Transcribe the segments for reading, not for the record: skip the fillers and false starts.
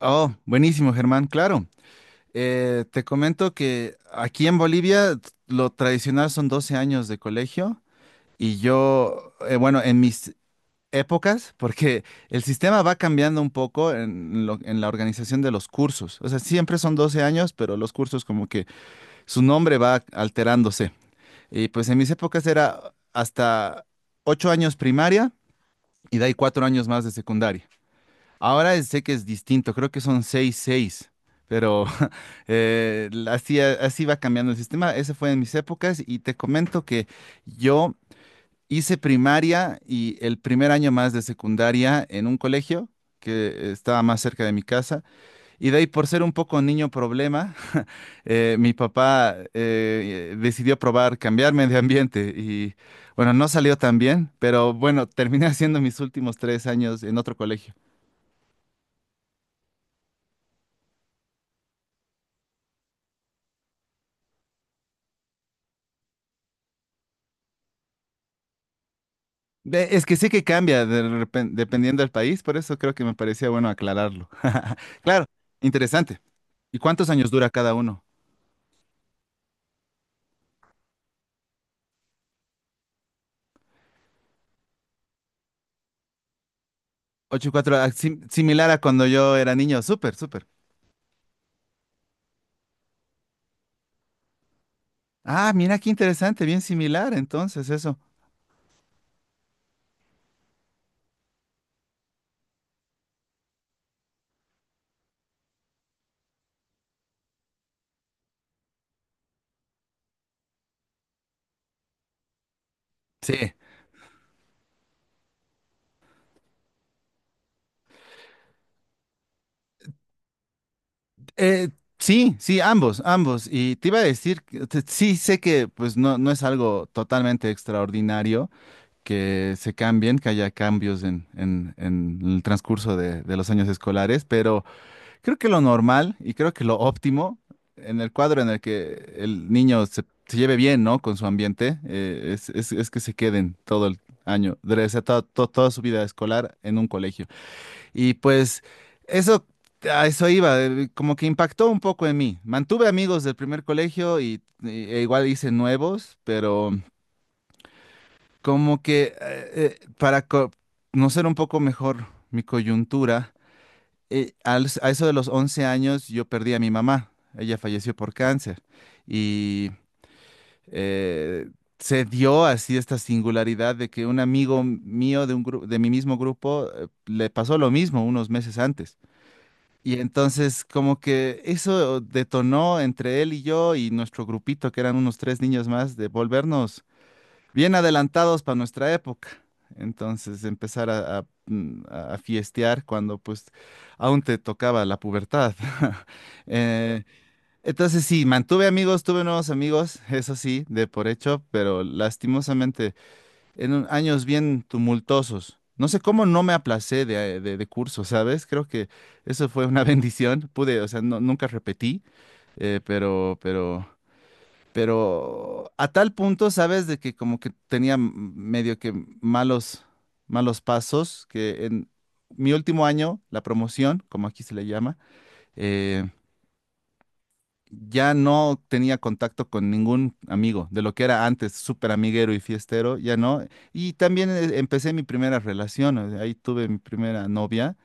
Oh, buenísimo, Germán, claro. Te comento que aquí en Bolivia lo tradicional son 12 años de colegio y yo, bueno, en mis épocas, porque el sistema va cambiando un poco en, en la organización de los cursos. O sea, siempre son 12 años, pero los cursos como que su nombre va alterándose. Y pues en mis épocas era hasta 8 años primaria y de ahí 4 años más de secundaria. Ahora sé que es distinto, creo que son 6 6, pero así, así va cambiando el sistema. Ese fue en mis épocas y te comento que yo hice primaria y el primer año más de secundaria en un colegio que estaba más cerca de mi casa. Y de ahí, por ser un poco niño problema, mi papá decidió probar cambiarme de ambiente y bueno, no salió tan bien, pero bueno, terminé haciendo mis últimos 3 años en otro colegio. Es que sí que cambia de dependiendo del país, por eso creo que me parecía bueno aclararlo. Claro, interesante. ¿Y cuántos años dura cada uno? Ocho y cuatro, ah, similar a cuando yo era niño, súper, súper. Ah, mira qué interesante, bien similar entonces eso. Sí. Eh, sí, sí, ambos, ambos. Y te iba a decir, que sí sé que pues no, no es algo totalmente extraordinario que se cambien, que haya cambios en, en el transcurso de los años escolares, pero… Creo que lo normal y creo que lo óptimo en el cuadro en el que el niño se, se lleve bien, ¿no? Con su ambiente, es, es que se queden todo el año, o sea, toda su vida escolar en un colegio. Y pues eso, a eso iba, como que impactó un poco en mí. Mantuve amigos del primer colegio y, e igual hice nuevos, pero como que para conocer un poco mejor mi coyuntura a eso de los 11 años yo perdí a mi mamá. Ella falleció por cáncer. Y eh, se dio así esta singularidad de que un amigo mío de, un de mi mismo grupo le pasó lo mismo unos meses antes. Y entonces como que eso detonó entre él y yo y nuestro grupito, que eran unos tres niños más, de volvernos bien adelantados para nuestra época. Entonces, empezar a fiestear cuando pues aún te tocaba la pubertad. Eh, entonces, sí, mantuve amigos, tuve nuevos amigos, eso sí, de por hecho, pero lastimosamente en años bien tumultuosos. No sé cómo no me aplacé de, de curso, ¿sabes? Creo que eso fue una bendición. Pude, o sea, nunca repetí, eh, pero, pero pero a tal punto, sabes, de que como que tenía medio que malos, malos pasos, que en mi último año, la promoción, como aquí se le llama, eh, ya no tenía contacto con ningún amigo, de lo que era antes súper amiguero y fiestero, ya no. Y también empecé mi primera relación, o sea, ahí tuve mi primera novia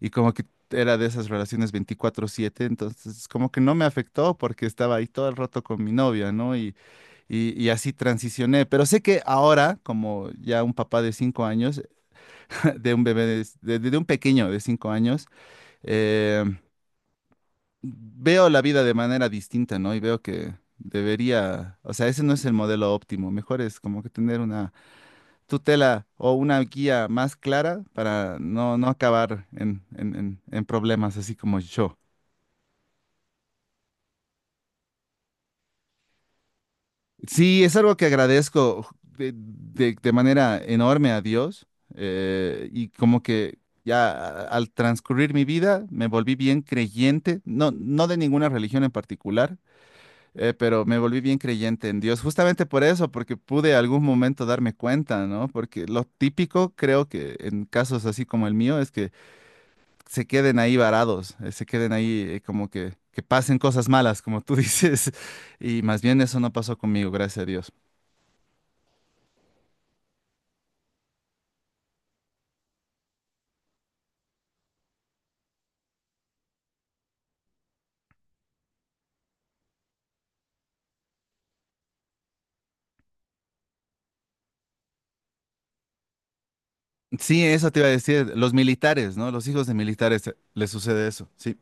y como que era de esas relaciones 24/7, entonces como que no me afectó porque estaba ahí todo el rato con mi novia, ¿no? Y así transicioné, pero sé que ahora, como ya un papá de 5 años, de un bebé, de un pequeño de 5 años, eh, veo la vida de manera distinta, ¿no? Y veo que debería, o sea, ese no es el modelo óptimo, mejor es como que tener una tutela o una guía más clara para no, no acabar en, en problemas así como yo. Sí, es algo que agradezco de, de manera enorme a Dios y como que ya al transcurrir mi vida me volví bien creyente, no, no de ninguna religión en particular, pero me volví bien creyente en Dios, justamente por eso, porque pude algún momento darme cuenta, ¿no? Porque lo típico creo que en casos así como el mío es que se queden ahí varados, se queden ahí como que pasen cosas malas, como tú dices, y más bien eso no pasó conmigo, gracias a Dios. Sí, eso te iba a decir, los militares, ¿no? Los hijos de militares les sucede eso, sí.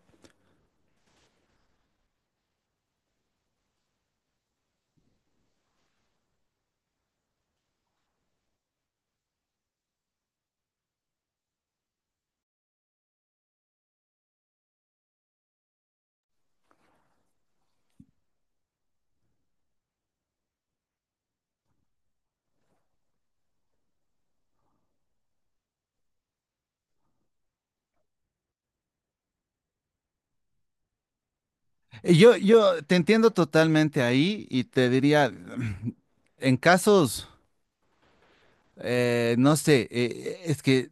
Yo te entiendo totalmente ahí y te diría, en casos, no sé, es que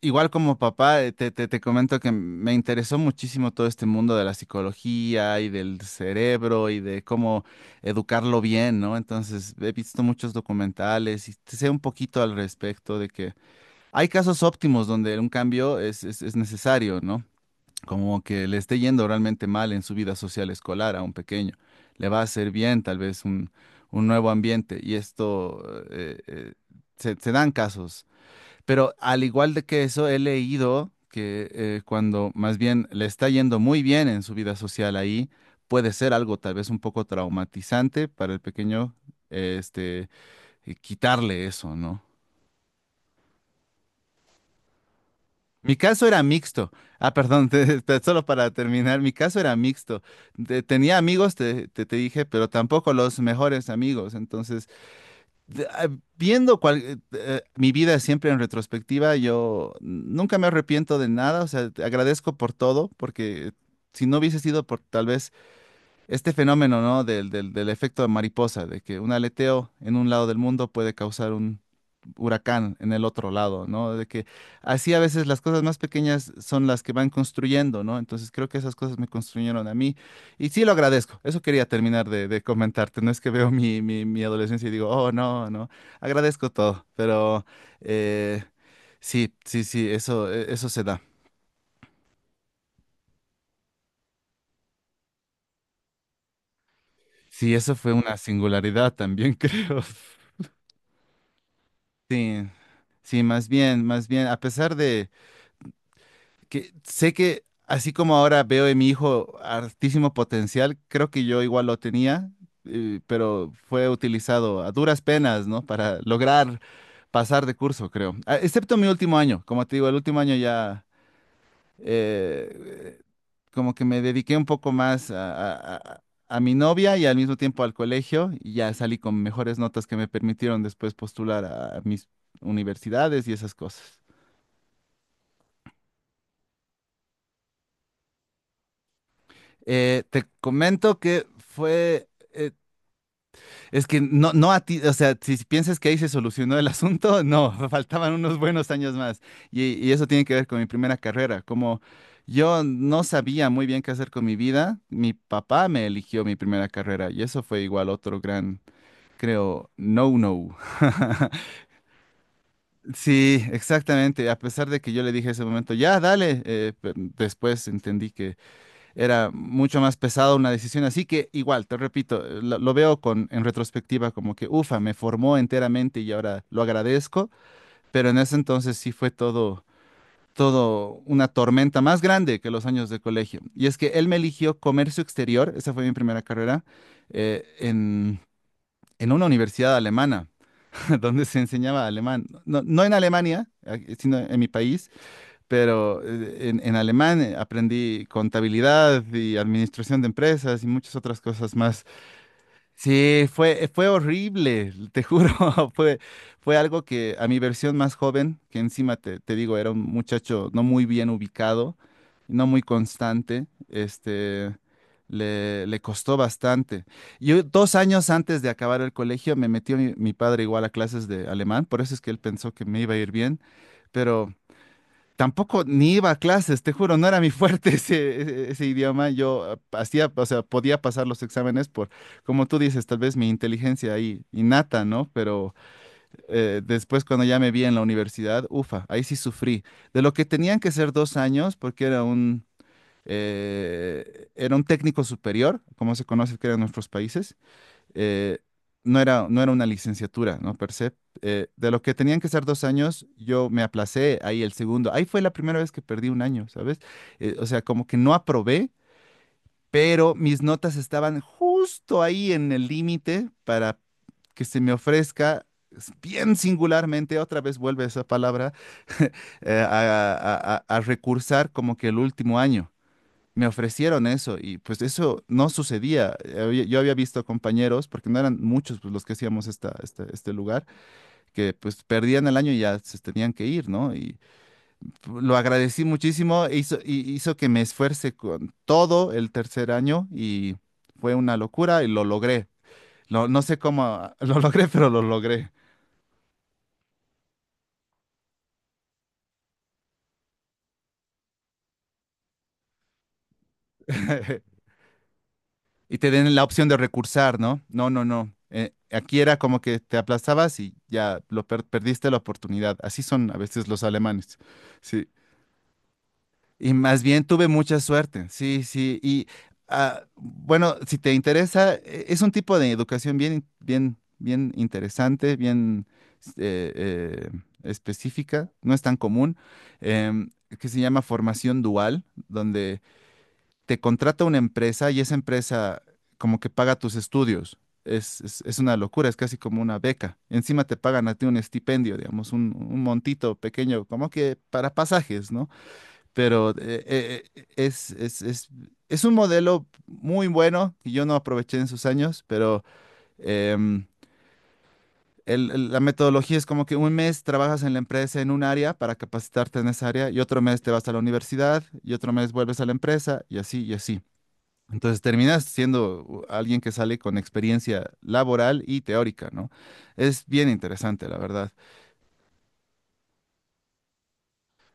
igual como papá, te comento que me interesó muchísimo todo este mundo de la psicología y del cerebro y de cómo educarlo bien, ¿no? Entonces, he visto muchos documentales y sé un poquito al respecto de que hay casos óptimos donde un cambio es, es necesario, ¿no? Como que le esté yendo realmente mal en su vida social escolar a un pequeño. Le va a hacer bien tal vez un nuevo ambiente y esto eh, eh, se, se dan casos. Pero al igual de que eso, he leído que cuando más bien le está yendo muy bien en su vida social ahí, puede ser algo tal vez un poco traumatizante para el pequeño, eh, este, quitarle eso, ¿no? Mi caso era mixto. Ah, perdón, solo para terminar, mi caso era mixto. Tenía amigos, te dije, pero tampoco los mejores amigos. Entonces, de- ah, viendo mi vida siempre en retrospectiva, yo nunca me arrepiento de nada. O sea, te agradezco por todo, porque si no hubiese sido por tal vez este fenómeno, ¿no? Del efecto de mariposa, de que un aleteo en un lado del mundo puede causar un huracán en el otro lado, ¿no? De que así a veces las cosas más pequeñas son las que van construyendo, ¿no? Entonces creo que esas cosas me construyeron a mí y sí lo agradezco. Eso quería terminar de comentarte. No es que veo mi adolescencia y digo, oh, no, no. Agradezco todo, pero eh, sí, sí, sí, eso, eso se da. Sí, eso fue una singularidad también, creo. Sí, sí, más bien, a pesar de que sé que así como ahora veo en mi hijo altísimo potencial, creo que yo igual lo tenía, pero fue utilizado a duras penas, ¿no? Para lograr pasar de curso, creo. Ah, excepto mi último año, como te digo, el último año ya eh, como que me dediqué un poco más a mi novia y al mismo tiempo al colegio y ya salí con mejores notas que me permitieron después postular a mis universidades y esas cosas. Te comento que fue, es que no, no a ti, o sea, si piensas que ahí se solucionó el asunto, no, faltaban unos buenos años más. Y eso tiene que ver con mi primera carrera. Como yo no sabía muy bien qué hacer con mi vida, mi papá me eligió mi primera carrera y eso fue igual otro gran, creo, no-no. Sí, exactamente. A pesar de que yo le dije en ese momento, ya, dale, después entendí que era mucho más pesado una decisión así que igual, te repito, lo veo con en retrospectiva como que ufa, me formó enteramente y ahora lo agradezco, pero en ese entonces sí fue todo una tormenta más grande que los años de colegio. Y es que él me eligió comercio exterior, esa fue mi primera carrera, eh, en, en una universidad alemana, donde se enseñaba alemán. No, no en Alemania, sino en mi país, pero en alemán aprendí contabilidad y administración de empresas y muchas otras cosas más. Sí, fue, fue horrible, te juro, fue, fue algo que a mi versión más joven, que encima te digo, era un muchacho no muy bien ubicado, no muy constante, le, le costó bastante. Yo 2 años antes de acabar el colegio me metió mi padre igual a clases de alemán, por eso es que él pensó que me iba a ir bien, pero tampoco ni iba a clases, te juro, no era mi fuerte ese, ese idioma. Yo hacía, o sea, podía pasar los exámenes por, como tú dices, tal vez mi inteligencia ahí innata, ¿no? Pero después cuando ya me vi en la universidad, ufa, ahí sí sufrí. De lo que tenían que ser 2 años, porque era un técnico superior, como se conoce que eran nuestros países, eh, no era, no era una licenciatura, ¿no? Per se. De lo que tenían que ser dos años, yo me aplacé ahí el segundo. Ahí fue la primera vez que perdí un año, ¿sabes? O sea, como que no aprobé, pero mis notas estaban justo ahí en el límite para que se me ofrezca. Bien singularmente, otra vez vuelve esa palabra, a recursar como que el último año. Me ofrecieron eso y pues eso no sucedía. Yo había visto compañeros, porque no eran muchos pues, los que hacíamos este lugar, que pues perdían el año y ya se tenían que ir, ¿no? Y lo agradecí muchísimo, y hizo que me esfuerce con todo el tercer año y fue una locura y lo logré. No sé cómo lo logré, pero lo logré. Y te den la opción de recursar, ¿no? No, no, no. Aquí era como que te aplastabas y ya lo perdiste la oportunidad. Así son a veces los alemanes. Sí. Y más bien tuve mucha suerte. Sí, sí. Y bueno, si te interesa, es un tipo de educación bien, bien, bien interesante, bien eh, eh, específica. No es tan común. em, que se llama formación dual, donde te contrata una empresa y esa empresa como que paga tus estudios. Es, es una locura, es casi como una beca. Encima te pagan a ti un estipendio, digamos, un montito pequeño, como que para pasajes, ¿no? Pero es un modelo muy bueno que yo no aproveché en sus años, pero em, la metodología es como que un mes trabajas en la empresa en un área para capacitarte en esa área y otro mes te vas a la universidad y otro mes vuelves a la empresa y así y así. Entonces terminas siendo alguien que sale con experiencia laboral y teórica, ¿no? Es bien interesante, la verdad.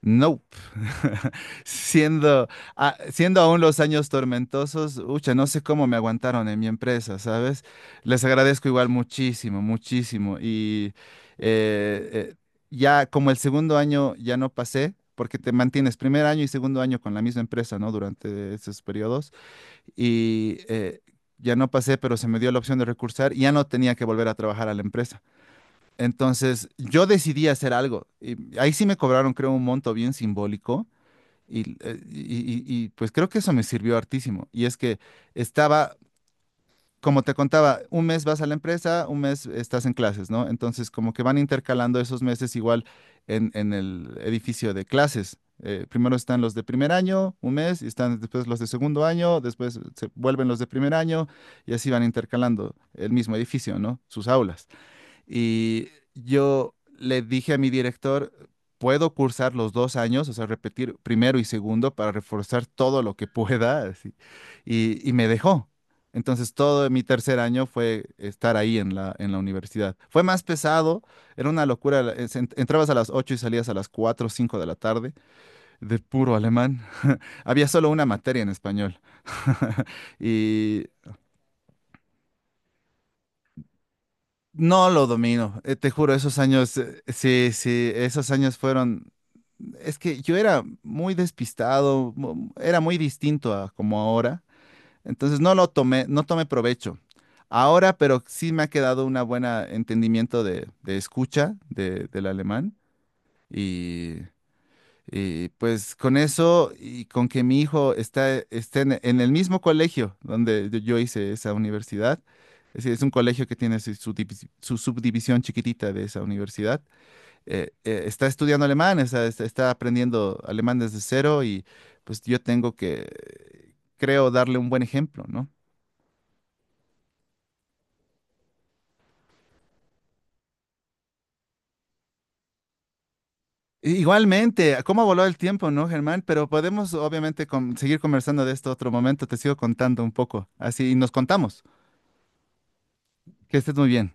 Nope. Siendo, Siendo aún los años tormentosos, ucha, no sé cómo me aguantaron en mi empresa, ¿sabes? Les agradezco igual muchísimo, muchísimo. Y eh, eh, ya como el segundo año ya no pasé, porque te mantienes primer año y segundo año con la misma empresa, ¿no? Durante esos periodos. Y ya no pasé, pero se me dio la opción de recursar y ya no tenía que volver a trabajar a la empresa. Entonces yo decidí hacer algo y ahí sí me cobraron, creo, un monto bien simbólico y, pues creo que eso me sirvió hartísimo. Y es que estaba como te contaba, un mes vas a la empresa, un mes estás en clases, ¿no? Entonces, como que van intercalando esos meses igual en el edificio de clases. Primero están los de primer año, un mes, y están después los de segundo año, después se vuelven los de primer año, y así van intercalando el mismo edificio, ¿no? Sus aulas. Y yo le dije a mi director, puedo cursar los dos años, o sea, repetir primero y segundo para reforzar todo lo que pueda, así. Y me dejó. Entonces, todo mi tercer año fue estar ahí en en la universidad. Fue más pesado, era una locura. Entrabas a las 8 y salías a las 4 o 5 de la tarde, de puro alemán. Había solo una materia en español. Y no lo domino, te juro, esos años, sí, sí, esos años fueron, es que yo era muy despistado, era muy distinto a como ahora, entonces no lo tomé, no tomé provecho. Ahora, pero sí me ha quedado un buen entendimiento de escucha del alemán y pues con eso y con que mi hijo esté en el mismo colegio donde yo hice esa universidad, es decir, es un colegio que tiene su, su subdivisión chiquitita de esa universidad, está estudiando alemán, o sea, está aprendiendo alemán desde cero y pues yo tengo que, creo, darle un buen ejemplo, ¿no? Igualmente, ¿cómo voló el tiempo, no, Germán? Pero podemos obviamente seguir conversando de esto otro momento, te sigo contando un poco, así nos contamos. Que estés muy bien.